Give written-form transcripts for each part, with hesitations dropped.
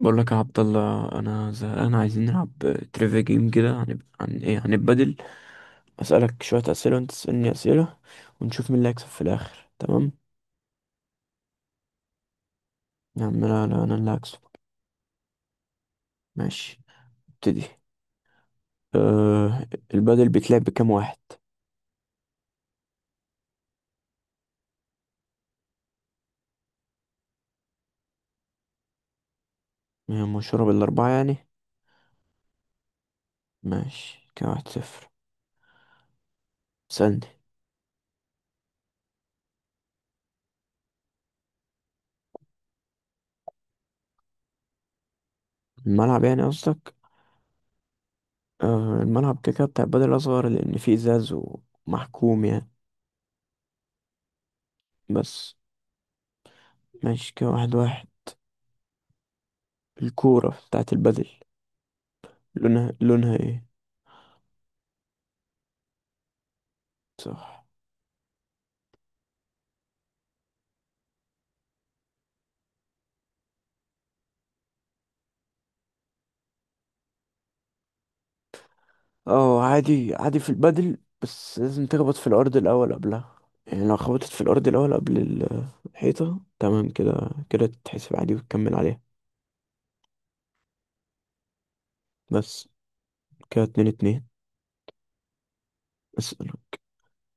بقول لك يا عبد الله، انا زهقان. عايزين نلعب تريفيا جيم كده عن ايه، عن البدل. اسالك شويه اسئله وانت تسالني اسئله ونشوف مين اللي هيكسب في الاخر. تمام؟ يا عم، لا لا، انا اللي هكسب. ماشي، ابتدي. أه. البدل بيتلعب بكام واحد؟ يعني مشهوره بالاربعه يعني. ماشي. كام؟ 1-0. سألني. الملعب يعني قصدك؟ أه، الملعب كده كده بتاع البدل اصغر، لان فيه ازاز ومحكوم يعني. بس. ماشي. كده 1-1. الكوره بتاعت البدل لونها ايه؟ صح. اه، عادي عادي في البدل، بس لازم تخبط في الأرض الأول قبلها. يعني لو خبطت في الأرض الأول قبل الحيطة، تمام كده، كده تتحسب عادي وتكمل عليها. بس. كده 2-2. اسأل.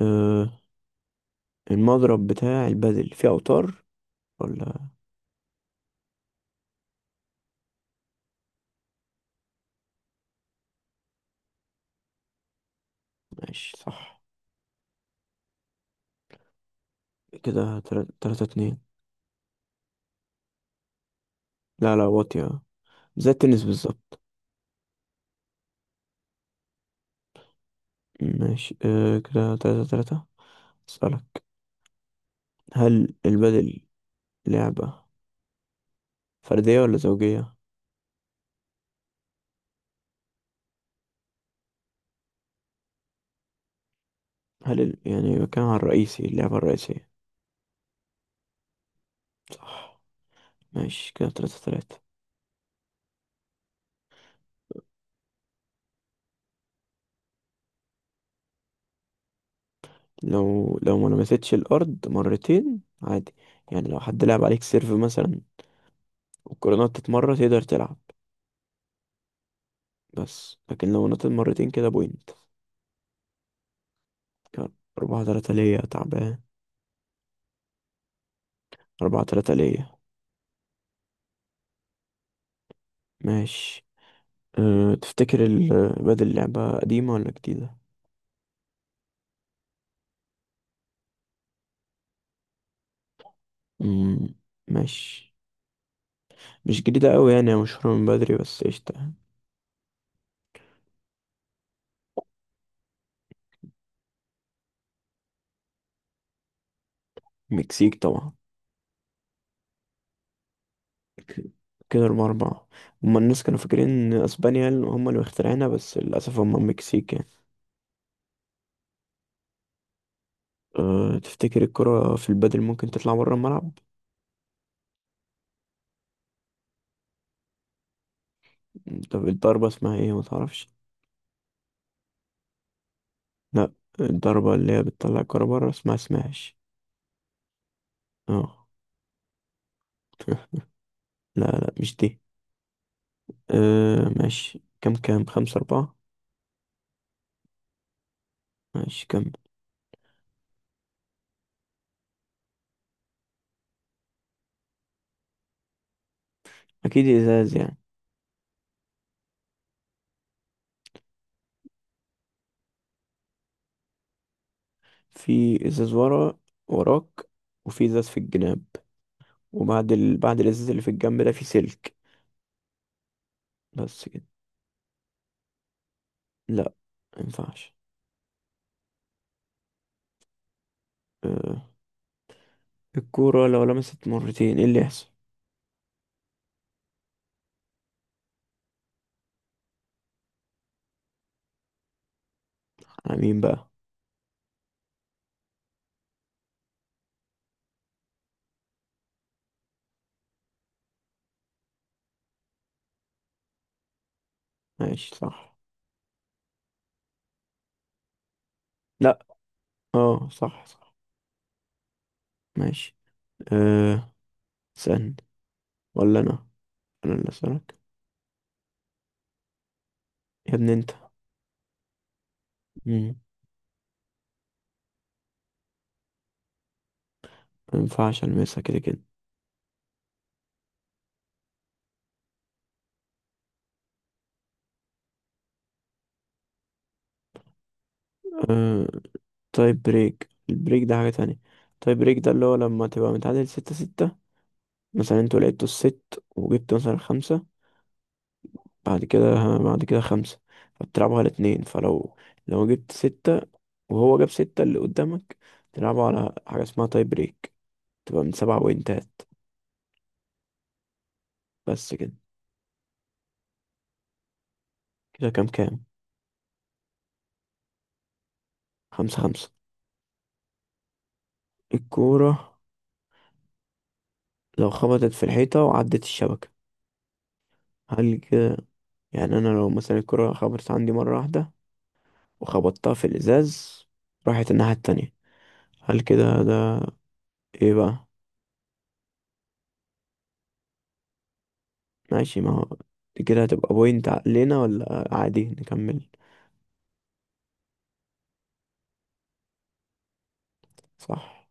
أه. المضرب بتاع البدل فيه أوتار ولا؟ ماشي، صح. كده 3-3 اتنين. لا لا، واطية، زي التنس بالظبط. ماشي. أه كده 3-3. اسألك. هل البدل لعبة فردية ولا زوجية؟ هل يعني بتكلم على الرئيسي، اللعبة الرئيسية. صح. ماشي كده 3-3. لو ما لمستش الأرض مرتين عادي. يعني لو حد لعب عليك سيرف مثلا والكرة نطت مرة تقدر تلعب. بس لكن لو نطت مرتين كده بوينت. كان 4-3 ليا. تعبان. 4-3 ليا. ماشي. أه، تفتكر بدل اللعبة قديمة ولا جديدة؟ مم. ماشي. مش جديدة أوي يعني، هي مشهورة من بدري، بس قشطة. مكسيك طبعا. ك- كده 4-4. هما الناس كانوا فاكرين إن أسبانيا اللي هما اللي مخترعينها، بس للأسف هما المكسيك يعني. أه، تفتكر الكرة في البادل ممكن تطلع برا الملعب؟ طب الضربة اسمها ايه، متعرفش؟ لأ. الضربة اللي هي بتطلع الكرة برا اسمها سماش. اه. لا لا، مش دي. أه ماشي. كام 5-4. ماشي. كام؟ أكيد إزاز يعني. في إزاز وراك، وفي إزاز في الجناب. وبعد ال... بعد الإزاز اللي في الجنب ده في سلك. بس كده. لا، مينفعش. أه. الكورة لو لمست مرتين ايه اللي يحصل؟ على مين بقى؟ ماشي، صح. لا. اه، صح صح. ماشي. أه. سن ولا انا اللي اسألك. يا ابني انت. مم. مينفعش المسها كده كده. أه. طيب البريك ده حاجة تانية. طيب بريك ده اللي هو لما تبقى متعادل 6-6 مثلا. انتوا لعبتوا الست وجبتوا مثلا خمسة. بعد كده بعد كده خمسة. فبتلعبوا على اتنين. فلو جبت ستة وهو جاب ستة اللي قدامك، تلعبوا على حاجة اسمها تاي بريك، تبقى من 7 بوينتات. بس كده. كده كام 5-5. الكورة لو خبطت في الحيطة وعدت الشبكة، هل كده؟ يعني أنا لو مثلا الكورة خبطت عندي مرة واحدة وخبطتها في الإزاز، راحت الناحية التانية، هل كده ده إيه بقى؟ ماشي. ما هو دي كده هتبقى بوينت علينا ولا عادي نكمل؟ صح.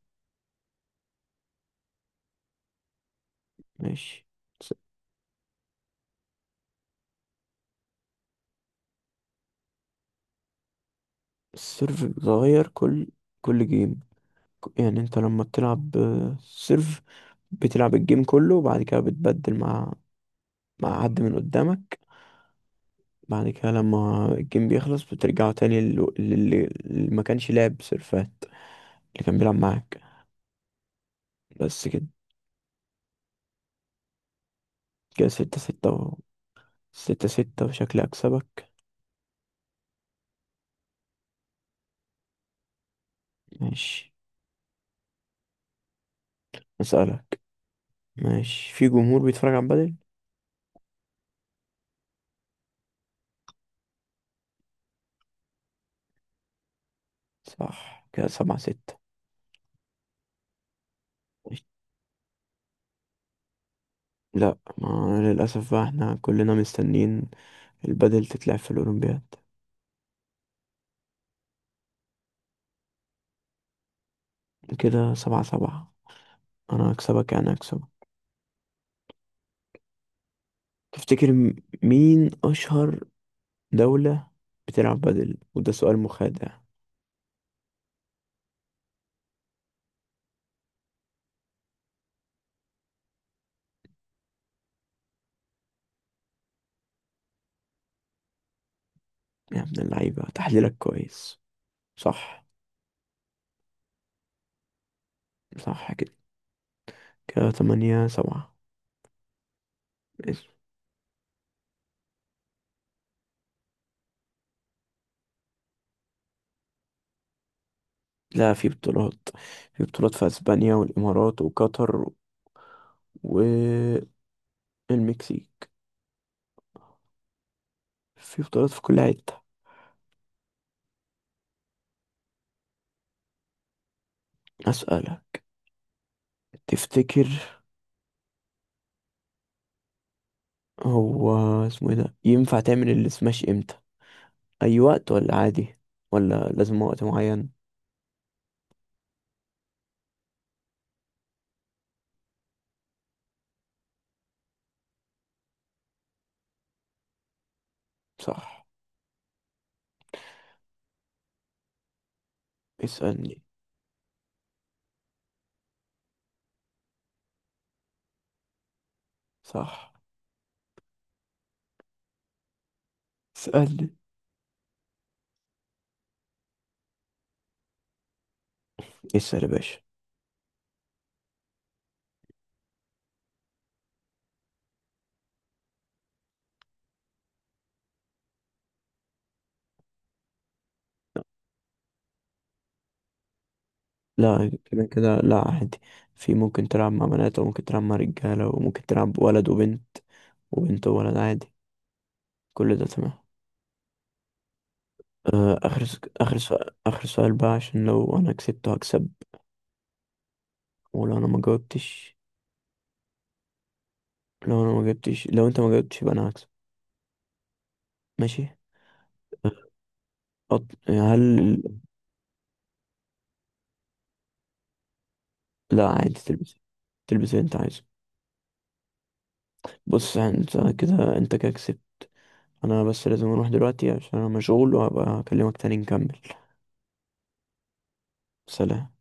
ماشي. س- السيرف بيتغير كل جيم. يعني انت لما بتلعب سيرف، بتلعب الجيم كله وبعد كده بتبدل مع حد من قدامك. بعد كده لما الجيم بيخلص بترجعوا تاني لل- للي اللي ما كانش لعب سيرفات، اللي كان بيلعب معاك. بس كده. كده 6-6 6-6 وشكلي أكسبك. ماشي. أسألك. ماشي. في جمهور بيتفرج على بدل؟ صح. كده 7-6. لا، ما للأسف بقى، احنا كلنا مستنين البدل تتلعب في الأولمبياد. كده 7-7. أنا هكسبك يعني، هكسبك. تفتكر مين أشهر دولة بتلعب بدل؟ وده سؤال مخادع. يا ابن اللعيبة، تحليلك كويس. صح. صح كده. كده 8-7. ماشي. لا، في بطولات في أسبانيا والإمارات وقطر والمكسيك. في بطولات في كل حتة. أسألك. تفتكر هو اسمه ايه ده، ينفع تعمل السماش امتى؟ اي وقت ولا عادي؟ ولا لازم وقت معين؟ صح. اسألني. صح. اسألني. اسأل يا باشا. لا كده كده. لا عادي. في ممكن تلعب مع بنات وممكن تلعب مع رجالة وممكن تلعب ولد وبنت وبنت وولد عادي. كل ده تمام. آخر سؤال بقى عشان لو أنا كسبت هكسب. ولو أنا ما جاوبتش. لو أنا ما جاوبتش لو أنت ما جاوبتش يبقى أنا هكسب. ماشي. أط... هل لا عادي، تلبس اللي انت عايزه. بص انت كده كسبت. انا بس لازم اروح دلوقتي عشان انا مشغول، وهبقى اكلمك تاني نكمل. سلام.